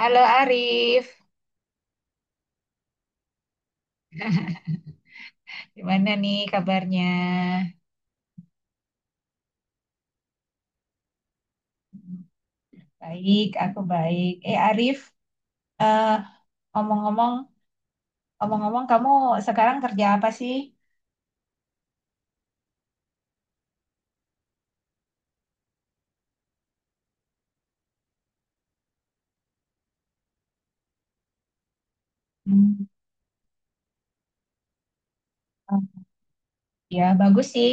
Halo Arif, gimana nih kabarnya? Baik, aku baik. Eh Arif, eh, ngomong-ngomong, ngomong-ngomong, kamu sekarang kerja apa sih? Hmm, ya bagus sih.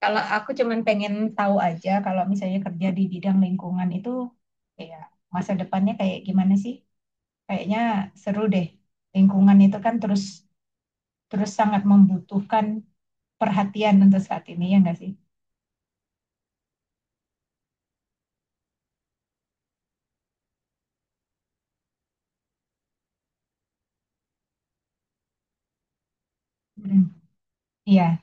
Kalau aku cuman pengen tahu aja, kalau misalnya kerja di bidang lingkungan itu, ya masa depannya kayak gimana sih? Kayaknya seru deh. Lingkungan itu kan terus terus sangat membutuhkan perhatian untuk saat ini, ya nggak sih? Mm, iya.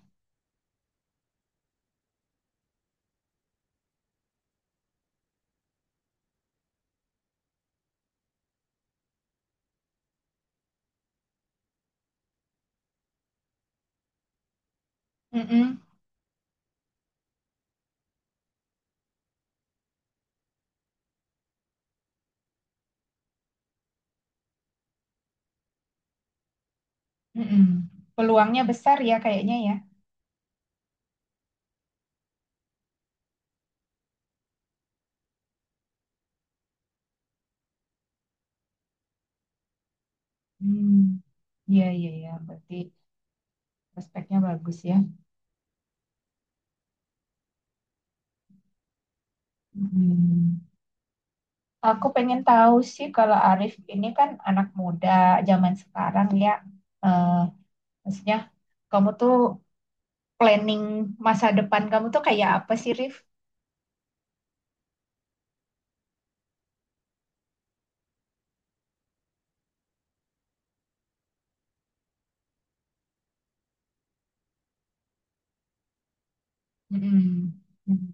Mm-mm. Mm-mm. Peluangnya besar ya kayaknya ya. Hmm. Iya, iya, iya. Berarti prospeknya bagus ya. Hmm. Aku pengen tahu sih, kalau Arif ini kan anak muda zaman sekarang ya. Eh, Maksudnya kamu tuh planning masa depan kamu tuh kayak apa sih, Rif? Mm-mm. Hmm.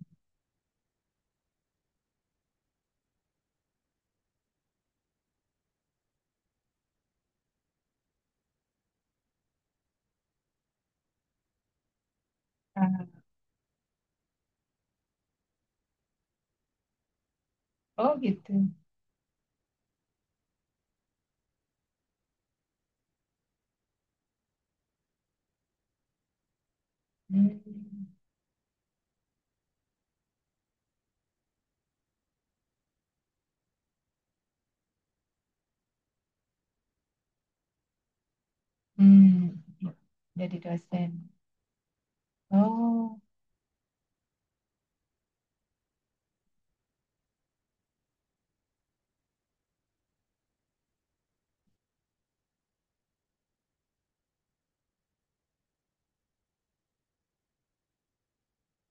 Ah, oh gitu. Hmm. Hmm. Jadi dosen. Oh.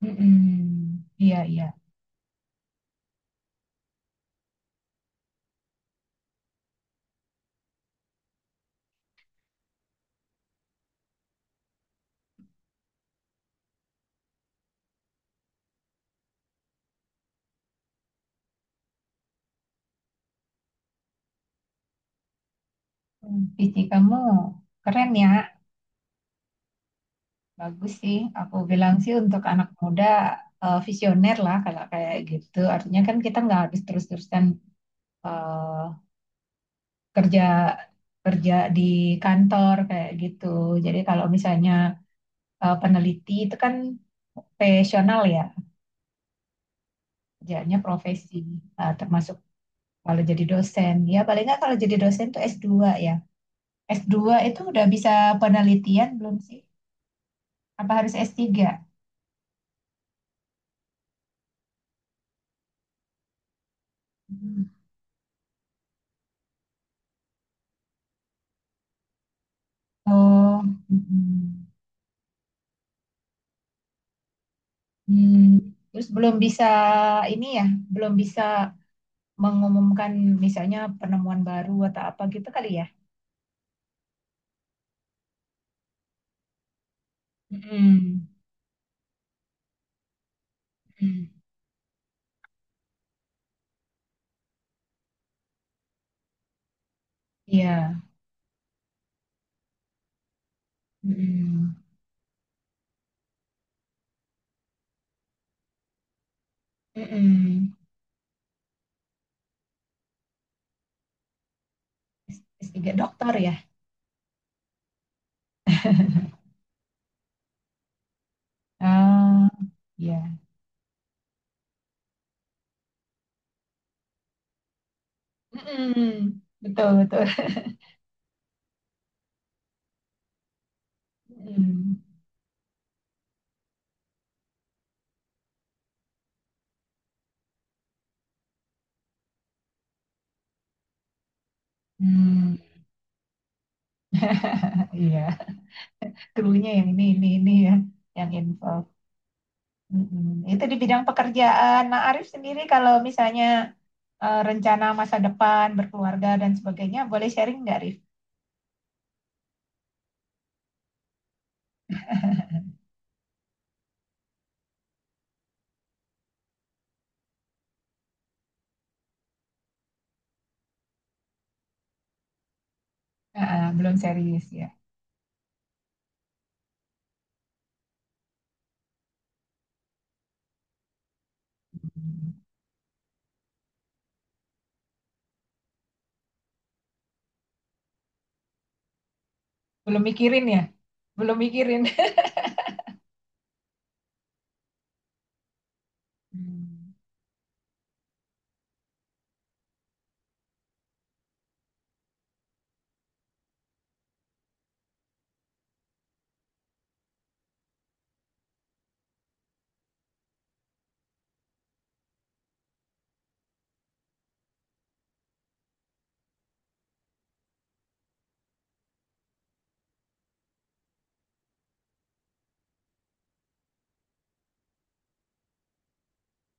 Mm-mm. Iya, iya. Hmm, PC kamu keren ya, bagus sih. Aku bilang sih untuk anak muda visioner lah kalau kayak gitu. Artinya kan kita nggak habis terus-terusan eh, kerja kerja di kantor kayak gitu. Jadi kalau misalnya peneliti itu kan profesional ya, kerjanya profesi, termasuk kalau jadi dosen. Ya paling nggak kalau jadi dosen tuh S2 ya. S dua itu udah bisa penelitian belum sih? Apa harus S3? Oh, mm, mm. Terus belum bisa ini ya, belum bisa mengumumkan misalnya penemuan baru atau apa gitu kali ya? Mm, mm. Iya. Mm, mm. S3 dokter ya? Ah, iya. Mm, betul, betul. Mm, mm. Iya, krunya yang ini ya, yang info. Mm-mm. Itu di bidang pekerjaan. Nah, Arif sendiri kalau misalnya rencana masa depan, berkeluarga dan sebagainya, boleh sharing nggak, Arif? Ah, ah, belum serius ya. Mm. Belum mikirin ya? Belum mikirin.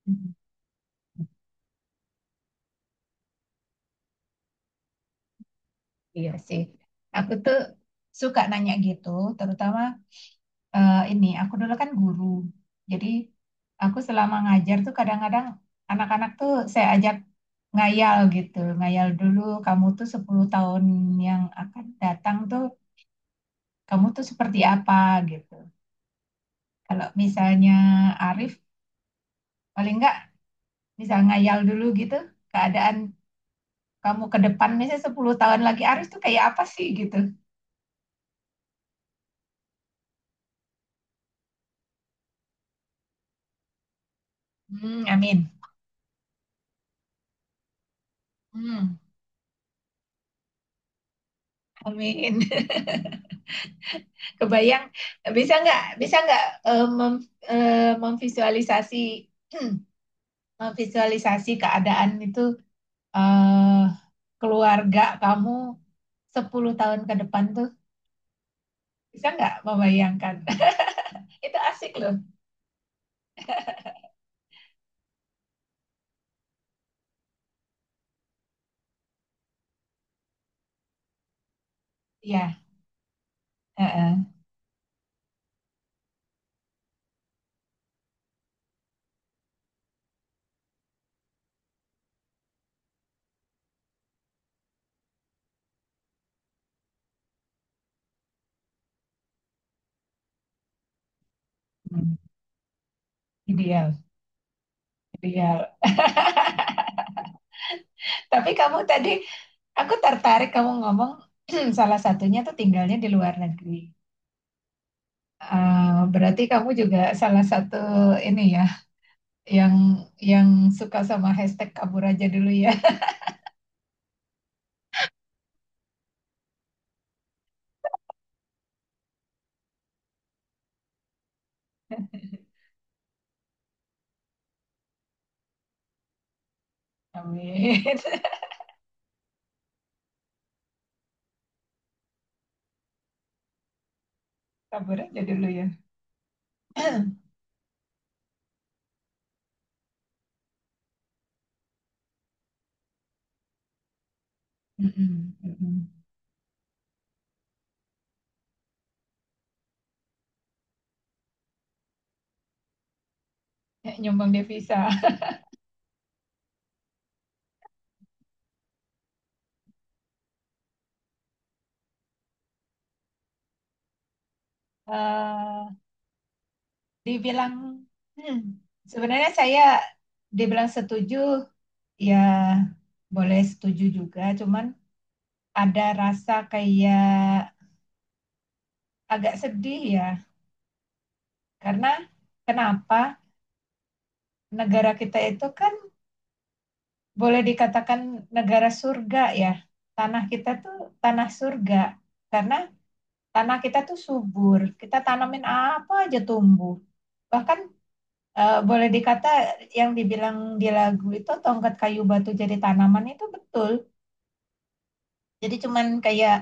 Hmm. Iya sih. Aku tuh suka nanya gitu, terutama ini aku dulu kan guru. Jadi aku selama ngajar tuh kadang-kadang anak-anak tuh saya ajak ngayal gitu. Ngayal dulu, kamu tuh 10 tahun yang akan datang tuh kamu tuh seperti apa gitu. Kalau misalnya Arif paling enggak bisa ngayal dulu gitu, keadaan kamu ke depan misalnya 10 tahun lagi Arif tuh kayak apa sih gitu. Hmm, amin. Hmm, amin. Kebayang, bisa nggak eh, memvisualisasi, memvisualisasi keadaan itu, eh, keluarga kamu 10 tahun ke depan tuh, bisa nggak membayangkan? Itu asik loh. Iya, heeh. Hmm, ideal, ideal. Tapi kamu tadi, aku tertarik kamu ngomong, salah satunya tuh tinggalnya di luar negeri. Berarti kamu juga salah satu ini ya, yang suka sama hashtag kabur aja dulu ya. Amin. Kabur aja dulu ya. Mm-mm, mm-mm. Ya, nyumbang devisa. Eh, Dibilang, hmm, sebenarnya saya dibilang setuju ya boleh setuju juga, cuman ada rasa kayak agak sedih ya. Karena kenapa negara kita itu kan boleh dikatakan negara surga ya. Tanah kita tuh tanah surga karena tanah kita tuh subur. Kita tanamin apa aja tumbuh. Bahkan boleh dikata yang dibilang di lagu itu, tongkat kayu batu jadi tanaman, itu betul. Jadi cuman kayak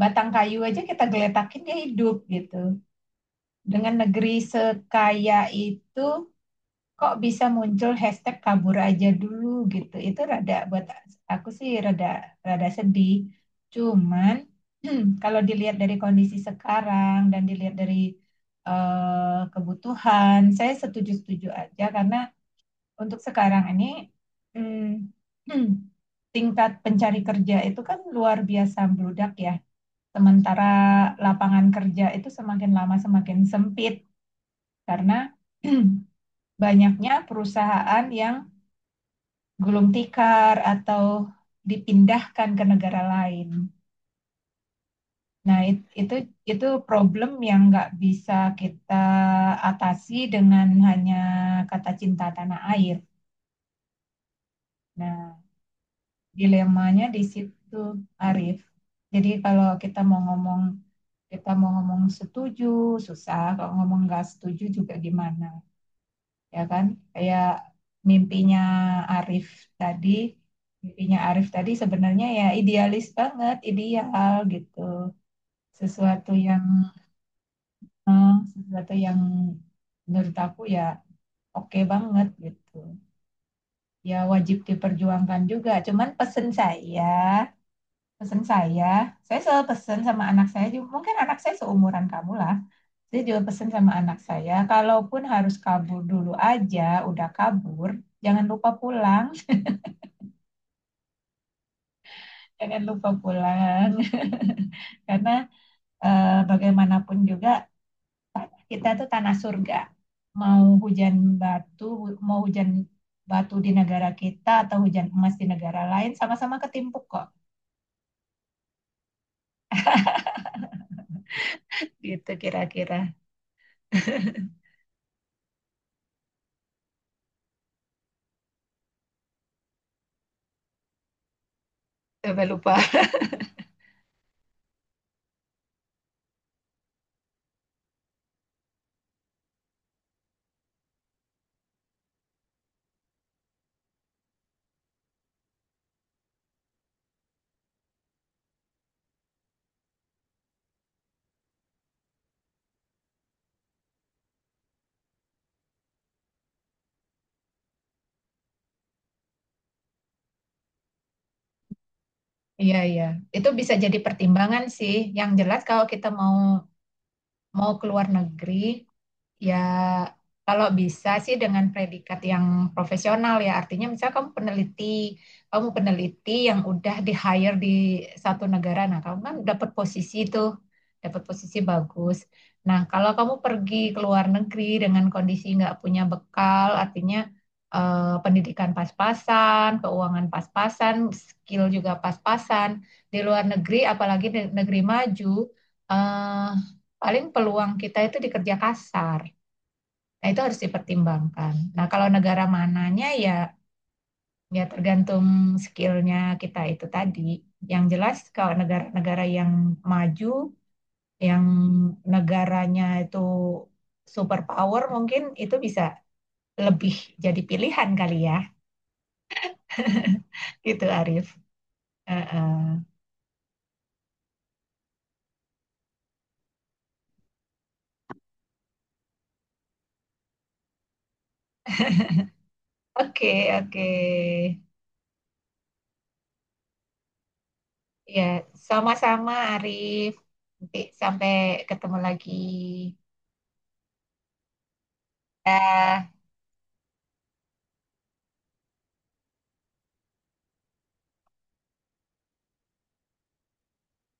batang kayu aja kita geletakin dia hidup gitu. Dengan negeri sekaya itu, kok bisa muncul hashtag kabur aja dulu gitu. Itu rada buat aku sih rada rada sedih. Cuman kalau dilihat dari kondisi sekarang dan dilihat dari kebutuhan, saya setuju-setuju aja karena untuk sekarang ini mm, tingkat pencari kerja itu kan luar biasa membludak ya. Sementara lapangan kerja itu semakin lama semakin sempit karena banyaknya perusahaan yang gulung tikar atau dipindahkan ke negara lain. Nah, itu problem yang nggak bisa kita atasi dengan hanya kata cinta tanah air. Nah, dilemanya di situ, Arief. Jadi kalau kita mau ngomong, kita mau ngomong setuju susah, kalau ngomong nggak setuju juga gimana, ya kan? Kayak mimpinya Arif tadi, mimpinya Arif tadi sebenarnya ya idealis banget, ideal gitu. Sesuatu yang sesuatu yang menurut aku ya oke banget gitu. Ya wajib diperjuangkan juga. Cuman pesen saya selalu pesen sama anak saya juga. Mungkin anak saya seumuran kamu lah. Saya juga pesen sama anak saya, kalaupun harus kabur dulu aja, udah kabur, jangan lupa pulang, jangan lupa pulang. Karena bagaimanapun juga kita tuh tanah surga. mau hujan batu Mau hujan batu di negara kita atau hujan emas di negara lain, sama-sama ketimpuk kok, gitu kira-kira. Coba lupa. Iya, iya, itu bisa jadi pertimbangan sih. Yang jelas kalau kita mau mau keluar negeri, ya, kalau bisa sih dengan predikat yang profesional ya, artinya misalnya kamu peneliti, yang udah di hire di satu negara, nah kamu kan dapat posisi itu, dapat posisi bagus. Nah, kalau kamu pergi ke luar negeri dengan kondisi nggak punya bekal, artinya pendidikan pas-pasan, keuangan pas-pasan, skill juga pas-pasan, di luar negeri, apalagi di negeri maju, eh, paling peluang kita itu di kerja kasar. Nah, itu harus dipertimbangkan. Nah, kalau negara mananya, ya tergantung skillnya kita itu tadi. Yang jelas kalau negara-negara yang maju, yang negaranya itu superpower, mungkin itu bisa lebih jadi pilihan kali ya, gitu Arif. Uh-uh. Oke, oke. Ya, sama-sama Arif. Nanti sampai ketemu lagi. Dah.